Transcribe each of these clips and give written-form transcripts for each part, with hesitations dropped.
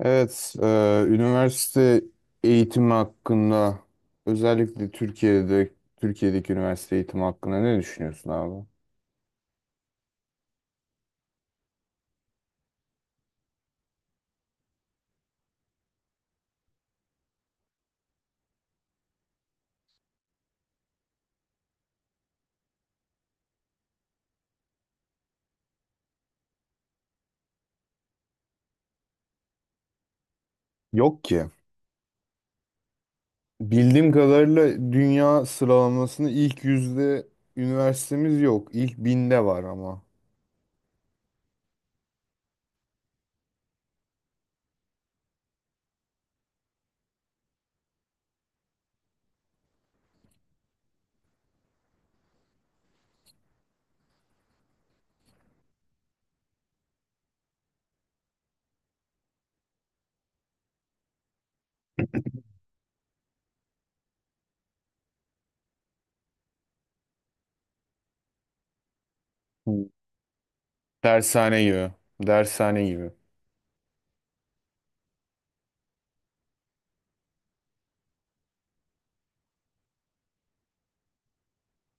Evet, üniversite eğitimi hakkında özellikle Türkiye'deki üniversite eğitimi hakkında ne düşünüyorsun abi? Yok ki. Bildiğim kadarıyla dünya sıralamasında ilk yüzde üniversitemiz yok. İlk binde var ama. Hı. Dershane gibi. Dershane gibi.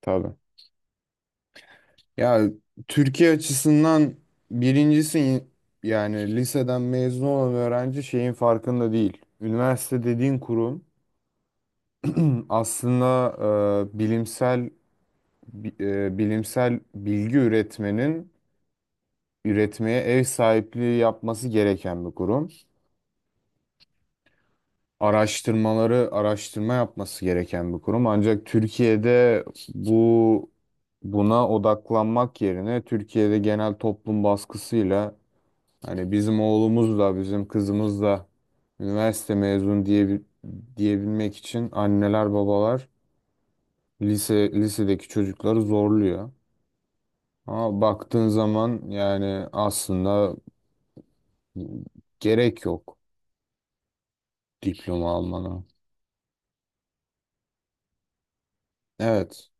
Tabii. Ya, Türkiye açısından birincisi, yani liseden mezun olan öğrenci şeyin farkında değil. Üniversite dediğin kurum aslında e, bilimsel bilimsel bilgi üretmeye ev sahipliği yapması gereken bir kurum. Araştırma yapması gereken bir kurum. Ancak Türkiye'de bu buna odaklanmak yerine Türkiye'de genel toplum baskısıyla hani bizim oğlumuz da bizim kızımız da üniversite mezun diyebilmek için anneler babalar lisedeki çocukları zorluyor. Ama baktığın zaman, yani aslında gerek yok diploma almana. Evet.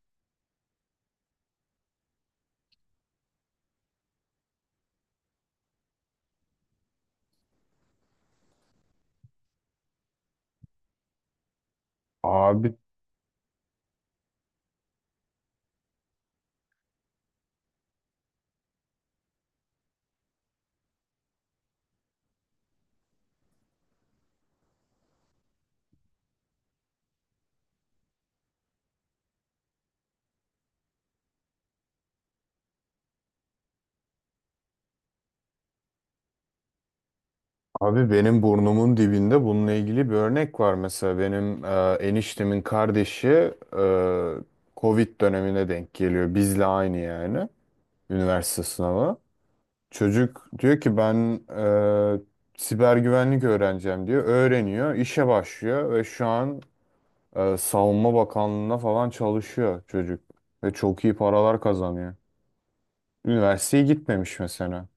Abi abi, benim burnumun dibinde bununla ilgili bir örnek var. Mesela benim eniştemin kardeşi, e, Covid dönemine denk geliyor. Bizle aynı, yani üniversite sınavı. Çocuk diyor ki ben e, siber güvenlik öğreneceğim diyor. Öğreniyor, işe başlıyor ve şu an Savunma Bakanlığı'na falan çalışıyor çocuk. Ve çok iyi paralar kazanıyor. Üniversiteye gitmemiş mesela.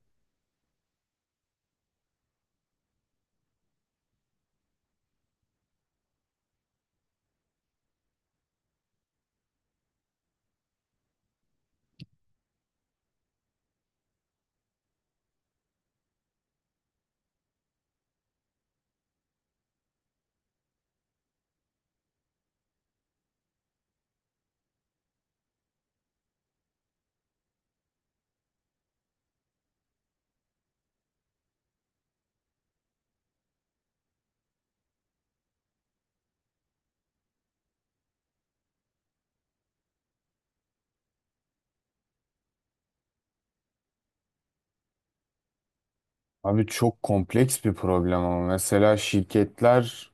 Abi, çok kompleks bir problem. Ama mesela şirketler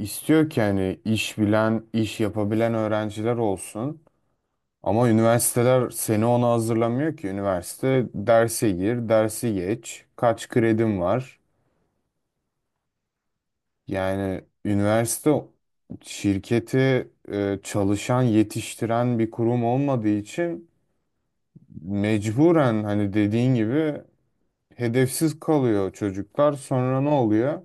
istiyor ki hani iş bilen, iş yapabilen öğrenciler olsun. Ama üniversiteler seni ona hazırlamıyor ki. Üniversite derse gir, dersi geç, kaç kredim var. Yani üniversite şirketi çalışan, yetiştiren bir kurum olmadığı için, mecburen hani dediğin gibi hedefsiz kalıyor çocuklar. Sonra ne oluyor?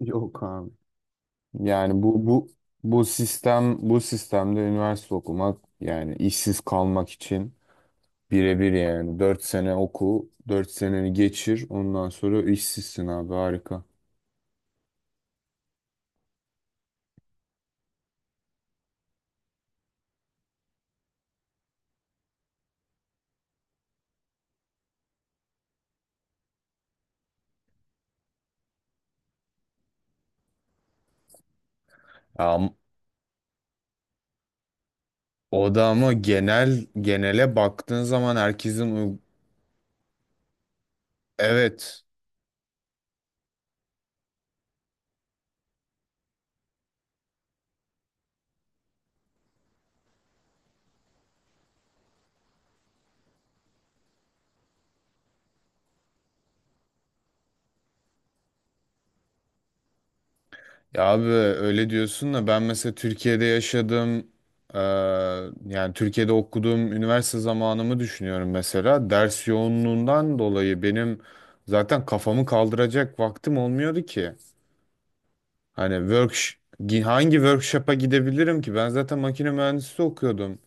Yok abi. Yani bu sistemde üniversite okumak, yani işsiz kalmak için birebir. Yani 4 sene oku, 4 seneni geçir, ondan sonra işsizsin abi, harika. Ya, o da ama genel genele baktığın zaman herkesin... Evet. Ya abi, öyle diyorsun da ben mesela Türkiye'de yaşadım. Ee, Yani Türkiye'de okuduğum üniversite zamanımı düşünüyorum. Mesela ders yoğunluğundan dolayı benim zaten kafamı kaldıracak vaktim olmuyordu ki. Hani hangi workshop'a gidebilirim ki? Ben zaten makine mühendisi okuyordum.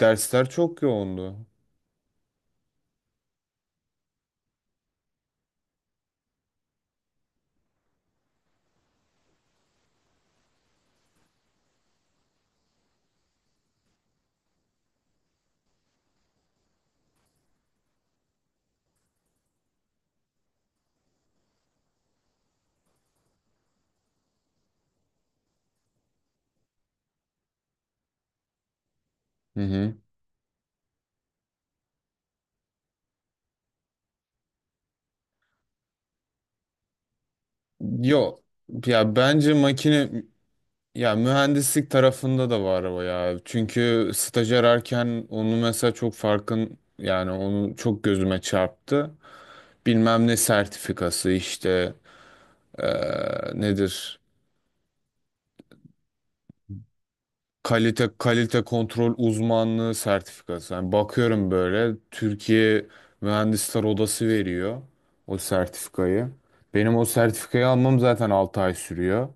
Dersler çok yoğundu. Hı hı. Yok. Ya bence makine Ya, mühendislik tarafında da var o ya. Çünkü staj ararken onu mesela çok farkın, yani onu çok gözüme çarptı. Bilmem ne sertifikası işte, nedir? Kalite kontrol uzmanlığı sertifikası. Yani bakıyorum böyle Türkiye Mühendisler Odası veriyor o sertifikayı. Benim o sertifikayı almam zaten 6 ay sürüyor.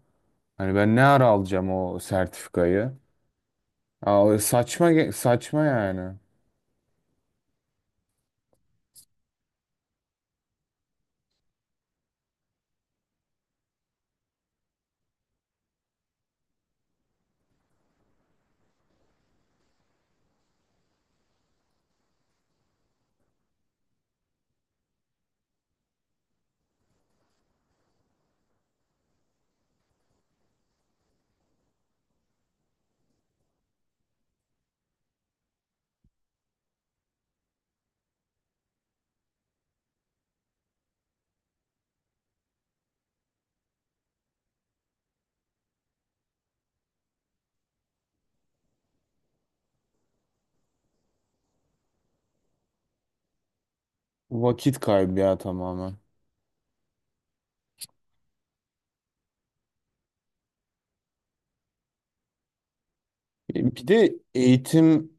Hani ben ne ara alacağım o sertifikayı? Aa, saçma yani. Vakit kaybı ya, tamamen. Bir de eğitim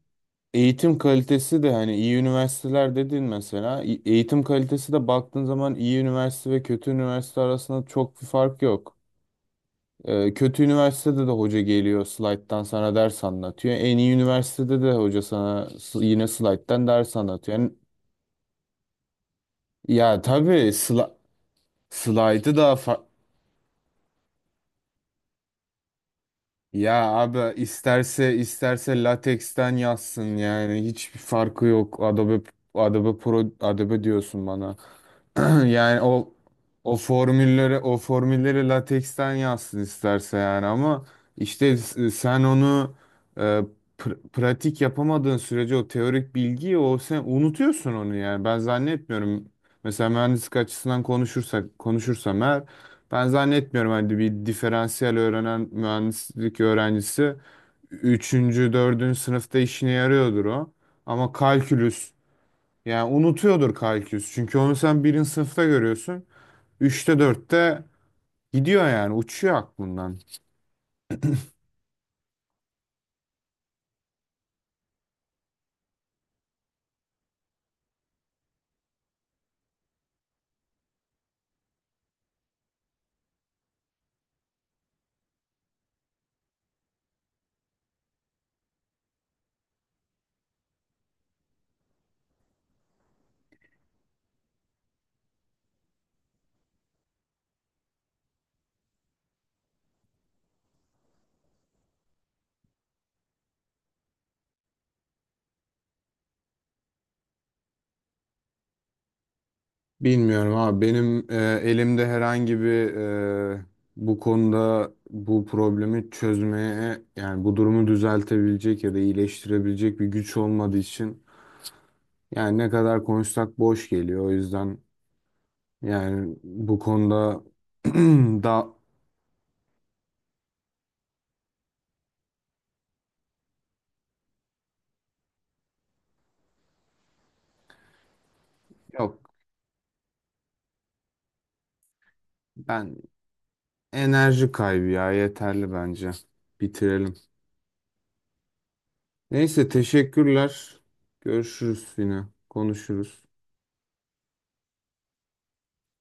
kalitesi de. Hani iyi üniversiteler dedin mesela, eğitim kalitesi de baktığın zaman iyi üniversite ve kötü üniversite arasında çok bir fark yok. Kötü üniversitede de hoca geliyor, slayttan sana ders anlatıyor. En iyi üniversitede de hoca sana yine slayttan ders anlatıyor. Yani, ya tabii, slaytı daha... Ya abi, isterse lateksten yazsın, yani hiçbir farkı yok. Adobe, Adobe Pro, Adobe diyorsun bana. Yani o formülleri lateksten yazsın isterse, yani ama işte, sen onu, e, pratik yapamadığın sürece o teorik bilgiyi, o, sen unutuyorsun onu yani. Ben zannetmiyorum. Mesela mühendislik açısından konuşursam eğer, ben zannetmiyorum hani bir diferansiyel öğrenen mühendislik öğrencisi üçüncü dördüncü sınıfta işine yarıyordur o. Ama kalkülüs, yani unutuyordur kalkülüs. Çünkü onu sen 1. sınıfta görüyorsun. Üçte dörtte gidiyor yani, uçuyor aklından. Bilmiyorum abi, benim elimde herhangi bir, e, bu konuda bu problemi çözmeye, yani bu durumu düzeltebilecek ya da iyileştirebilecek bir güç olmadığı için, yani ne kadar konuşsak boş geliyor. O yüzden yani bu konuda, da yok. Ben, enerji kaybı ya, yeterli bence. Bitirelim. Neyse, teşekkürler. Görüşürüz yine. Konuşuruz.